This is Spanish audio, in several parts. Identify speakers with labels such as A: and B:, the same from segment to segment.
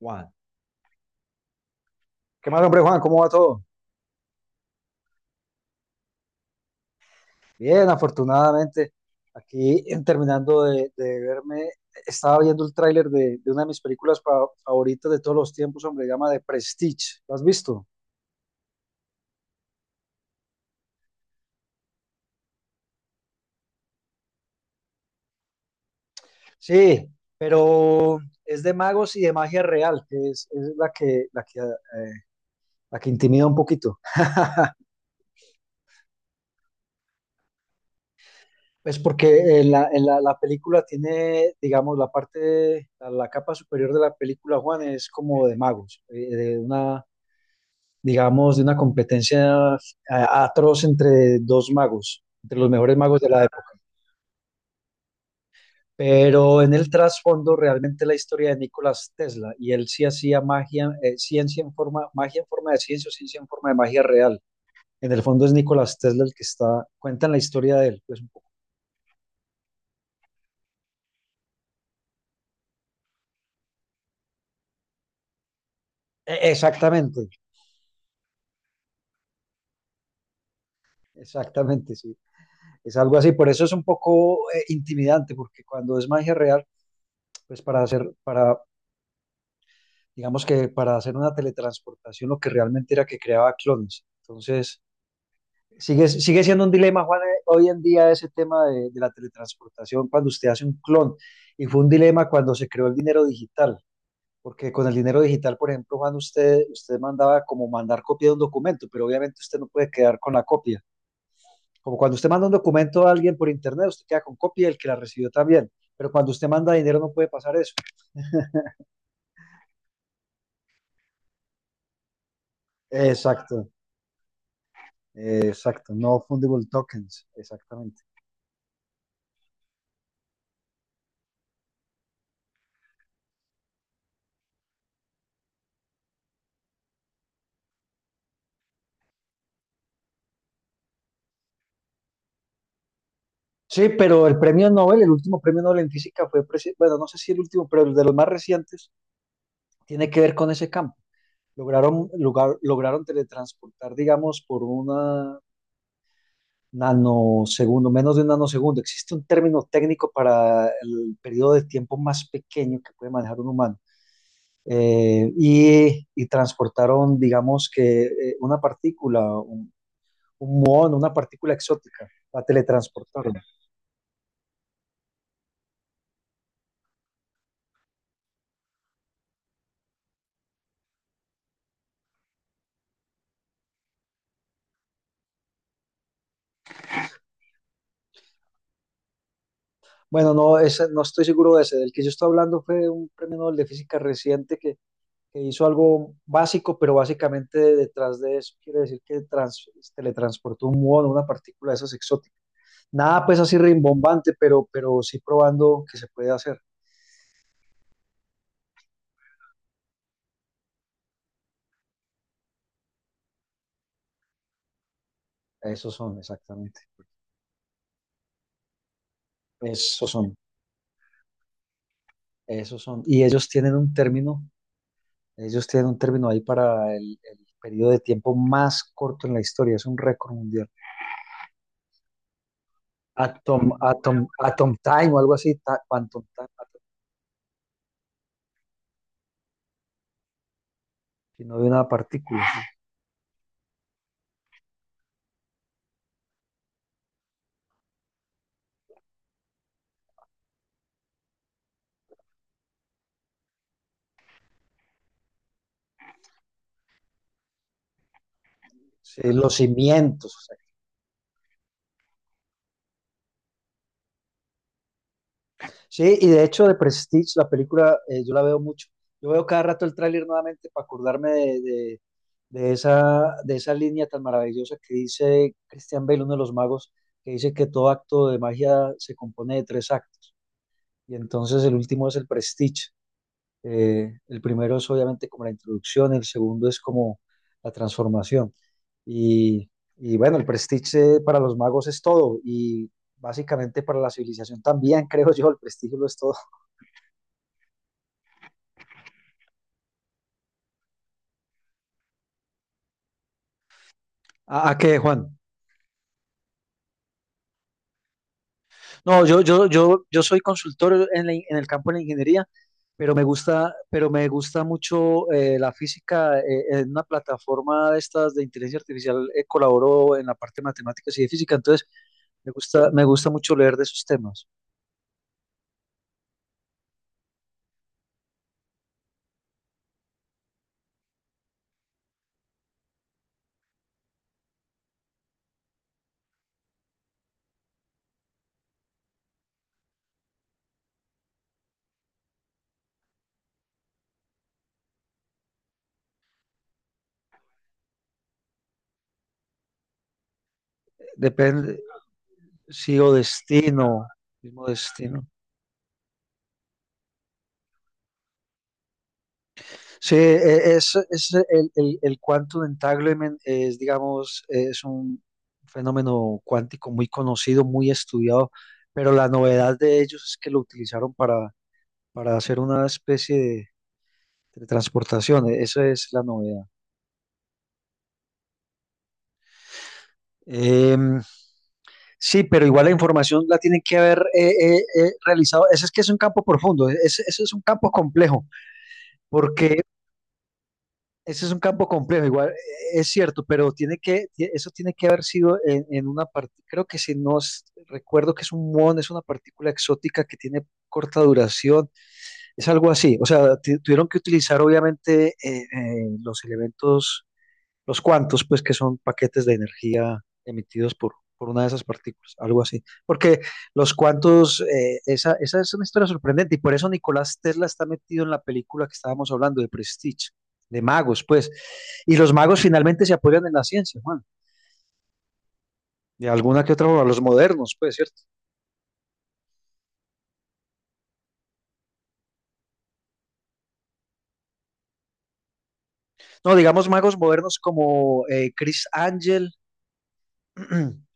A: Juan. ¿Qué más, hombre Juan? ¿Cómo va todo? Bien, afortunadamente. Aquí terminando de verme, estaba viendo el tráiler de una de mis películas favoritas de todos los tiempos, hombre, se llama The Prestige. ¿Lo has visto? Sí, pero es de magos y de magia real, que es la que intimida un poquito. Es porque la película tiene, digamos, la parte, la capa superior de la película, Juan, es como de magos, de una digamos, de una competencia atroz entre dos magos, entre los mejores magos de la época. Pero en el trasfondo realmente la historia de Nicolás Tesla, y él sí hacía magia, ciencia en forma, magia en forma de ciencia o ciencia en forma de magia real. En el fondo es Nicolás Tesla el que está, cuentan la historia de él, pues un poco. Exactamente, exactamente, sí. Es algo así, por eso es un poco intimidante, porque cuando es magia real, pues para, digamos, que para hacer una teletransportación lo que realmente era que creaba clones. Entonces, sigue siendo un dilema, Juan, hoy en día ese tema de la teletransportación cuando usted hace un clon. Y fue un dilema cuando se creó el dinero digital, porque con el dinero digital, por ejemplo, Juan, usted mandaba como mandar copia de un documento, pero obviamente usted no puede quedar con la copia. Como cuando usted manda un documento a alguien por internet, usted queda con copia y el que la recibió también. Pero cuando usted manda dinero no puede pasar eso. Exacto, exacto. No fundable tokens, exactamente. Sí, pero el premio Nobel, el último premio Nobel en física fue, bueno, no sé si el último, pero el de los más recientes tiene que ver con ese campo. Lograron teletransportar, digamos, por una nanosegundo, menos de un nanosegundo. Existe un término técnico para el periodo de tiempo más pequeño que puede manejar un humano. Y transportaron, digamos, que una partícula, un muón, una partícula exótica, la teletransportaron. Bueno, no, no estoy seguro de ese. Del que yo estoy hablando fue de un premio Nobel de Física reciente que hizo algo básico, pero básicamente detrás de eso quiere decir que teletransportó un muón, una partícula de esas exóticas. Nada pues así rimbombante, pero sí probando que se puede hacer. Esos son, exactamente. Esos son, esos son. Y ellos tienen un término ahí para el periodo de tiempo más corto en la historia. Es un récord mundial. Atom time o algo así, quantum time, atom, si no de una partícula. Sí, sí, los cimientos, o sea. Sí, y de hecho de Prestige, la película, yo la veo mucho. Yo veo cada rato el tráiler nuevamente para acordarme de esa línea tan maravillosa que dice Christian Bale, uno de los magos, que dice que todo acto de magia se compone de tres actos. Y entonces el último es el Prestige. El primero es obviamente como la introducción, el segundo es como la transformación. Y, y bueno, el prestige para los magos es todo y básicamente para la civilización también, creo yo, el prestigio lo es todo. A qué, Juan? No, yo soy consultor en el campo de la ingeniería, pero me gusta mucho la física. En una plataforma de estas de inteligencia artificial colaboro en la parte de matemáticas y de física, entonces me gusta mucho leer de esos temas. Depende, sí o destino, mismo destino. Sí, es el quantum entanglement es, digamos, es un fenómeno cuántico muy conocido, muy estudiado, pero la novedad de ellos es que lo utilizaron para, hacer una especie de transportación, esa es la novedad. Em, sí, pero igual la información la tienen que haber realizado. Ese es que es un campo profundo, ese es un campo complejo, porque ese es un campo complejo, igual es cierto, pero eso tiene que haber sido en una parte, creo que si no es- recuerdo que es un muón, es una partícula exótica que tiene corta duración, es algo así, o sea, tuvieron que utilizar obviamente los elementos los cuantos, pues que son paquetes de energía emitidos por una de esas partículas, algo así. Porque los cuantos, esa es una historia sorprendente y por eso Nicolás Tesla está metido en la película que estábamos hablando de Prestige, de magos, pues. Y los magos finalmente se apoyan en la ciencia, Juan, de alguna que otra forma, los modernos, pues, ¿cierto? No, digamos magos modernos como Chris Angel.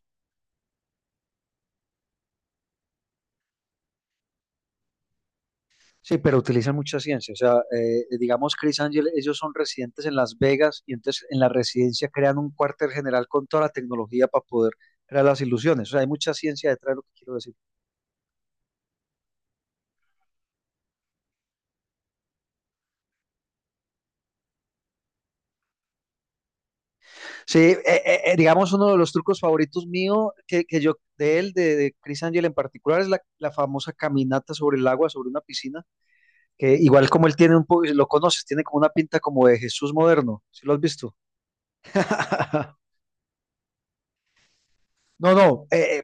A: Sí, pero utilizan mucha ciencia. O sea, digamos, Chris Angel, ellos son residentes en Las Vegas y entonces en la residencia crean un cuartel general con toda la tecnología para poder crear las ilusiones. O sea, hay mucha ciencia detrás de lo que quiero decir. Sí, digamos, uno de los trucos favoritos mío, que yo, de él, de Chris Angel en particular, es la famosa caminata sobre el agua, sobre una piscina, que igual como él tiene un poco, lo conoces, tiene como una pinta como de Jesús moderno. ¿Sí lo has visto? No, no,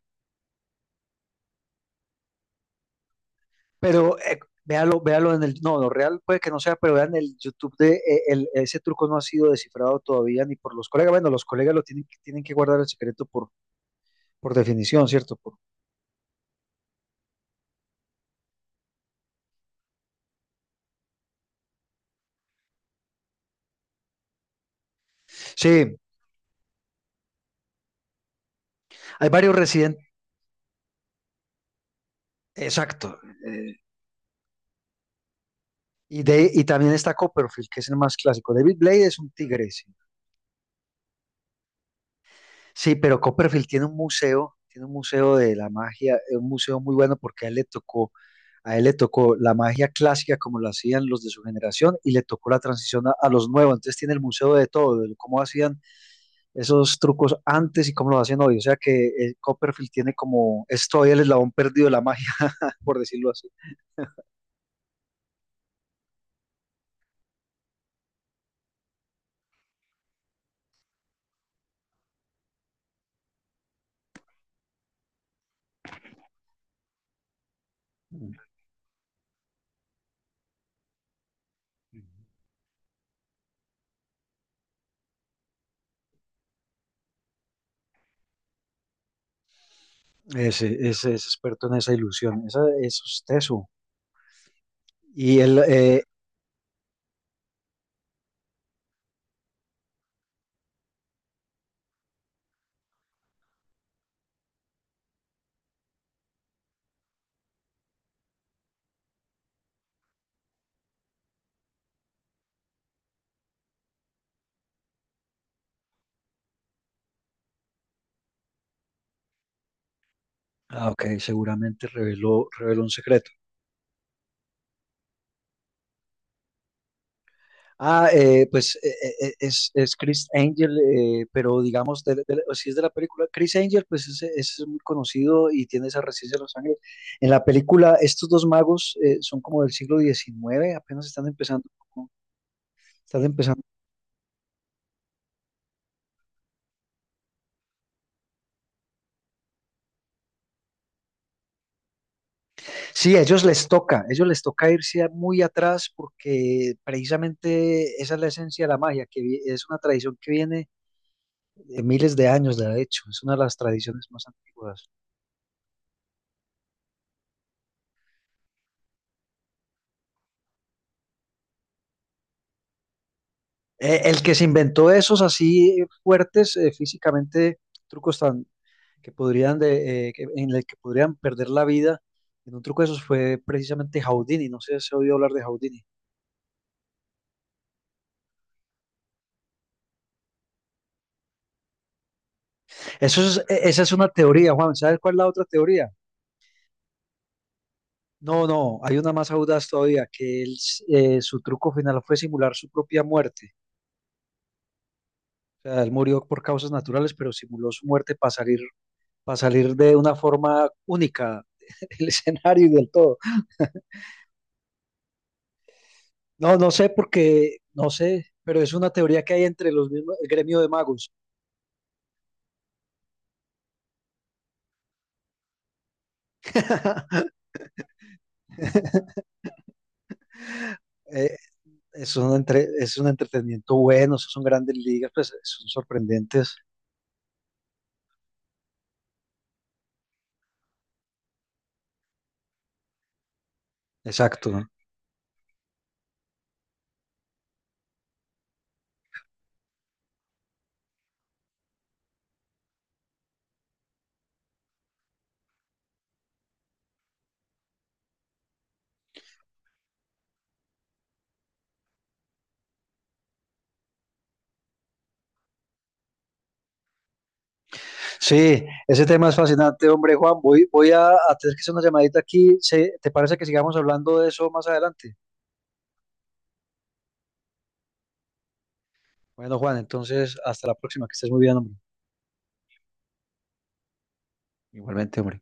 A: pero véalo, véalo en el, no, lo real puede que no sea, pero vean el YouTube de ese truco no ha sido descifrado todavía ni por los colegas. Bueno, los colegas lo tienen, tienen que guardar el secreto por definición, ¿cierto? Sí, hay varios residentes, exacto. eh, y también está Copperfield, que es el más clásico. David Blade es un tigre, sí. Sí, pero Copperfield tiene un museo de la magia, un museo muy bueno porque a él le tocó la magia clásica como la hacían los de su generación y le tocó la transición a los nuevos. Entonces tiene el museo de todo, de cómo hacían esos trucos antes y cómo los hacen hoy. O sea que Copperfield tiene como, es todavía el eslabón perdido de la magia, por decirlo así. Mm. Ese es experto en esa ilusión, esa, eso es teso. Y él, ah, ok, seguramente reveló un secreto. Ah, pues es Chris Angel, pero digamos, o si es de la película, Chris Angel, pues es muy conocido y tiene esa residencia de Los Ángeles. En la película, estos dos magos son como del siglo XIX, apenas están empezando. ¿No? Están empezando. Sí, ellos les toca irse muy atrás porque precisamente esa es la esencia de la magia, que es una tradición que viene de miles de años, de hecho, es una de las tradiciones más antiguas. El que se inventó esos así fuertes físicamente, trucos tan que podrían en el que podrían perder la vida en un truco de esos fue precisamente Houdini. No sé si se oído hablar de Houdini. Eso es, esa es una teoría, Juan. ¿Sabes cuál es la otra teoría? No, no, hay una más audaz todavía, que él, su truco final fue simular su propia muerte. O sea, él murió por causas naturales, pero simuló su muerte para salir de una forma única del escenario y del todo. No, no sé porque, no sé, pero es una teoría que hay entre los mismos, el gremio de magos. Eh, es un entretenimiento bueno, esos son grandes ligas, pues son sorprendentes. Exacto. Sí, ese tema es fascinante, hombre, Juan. Voy a tener que hacer una llamadita aquí. ¿Te parece que sigamos hablando de eso más adelante? Bueno, Juan, entonces hasta la próxima, que estés muy bien, hombre. Igualmente, hombre.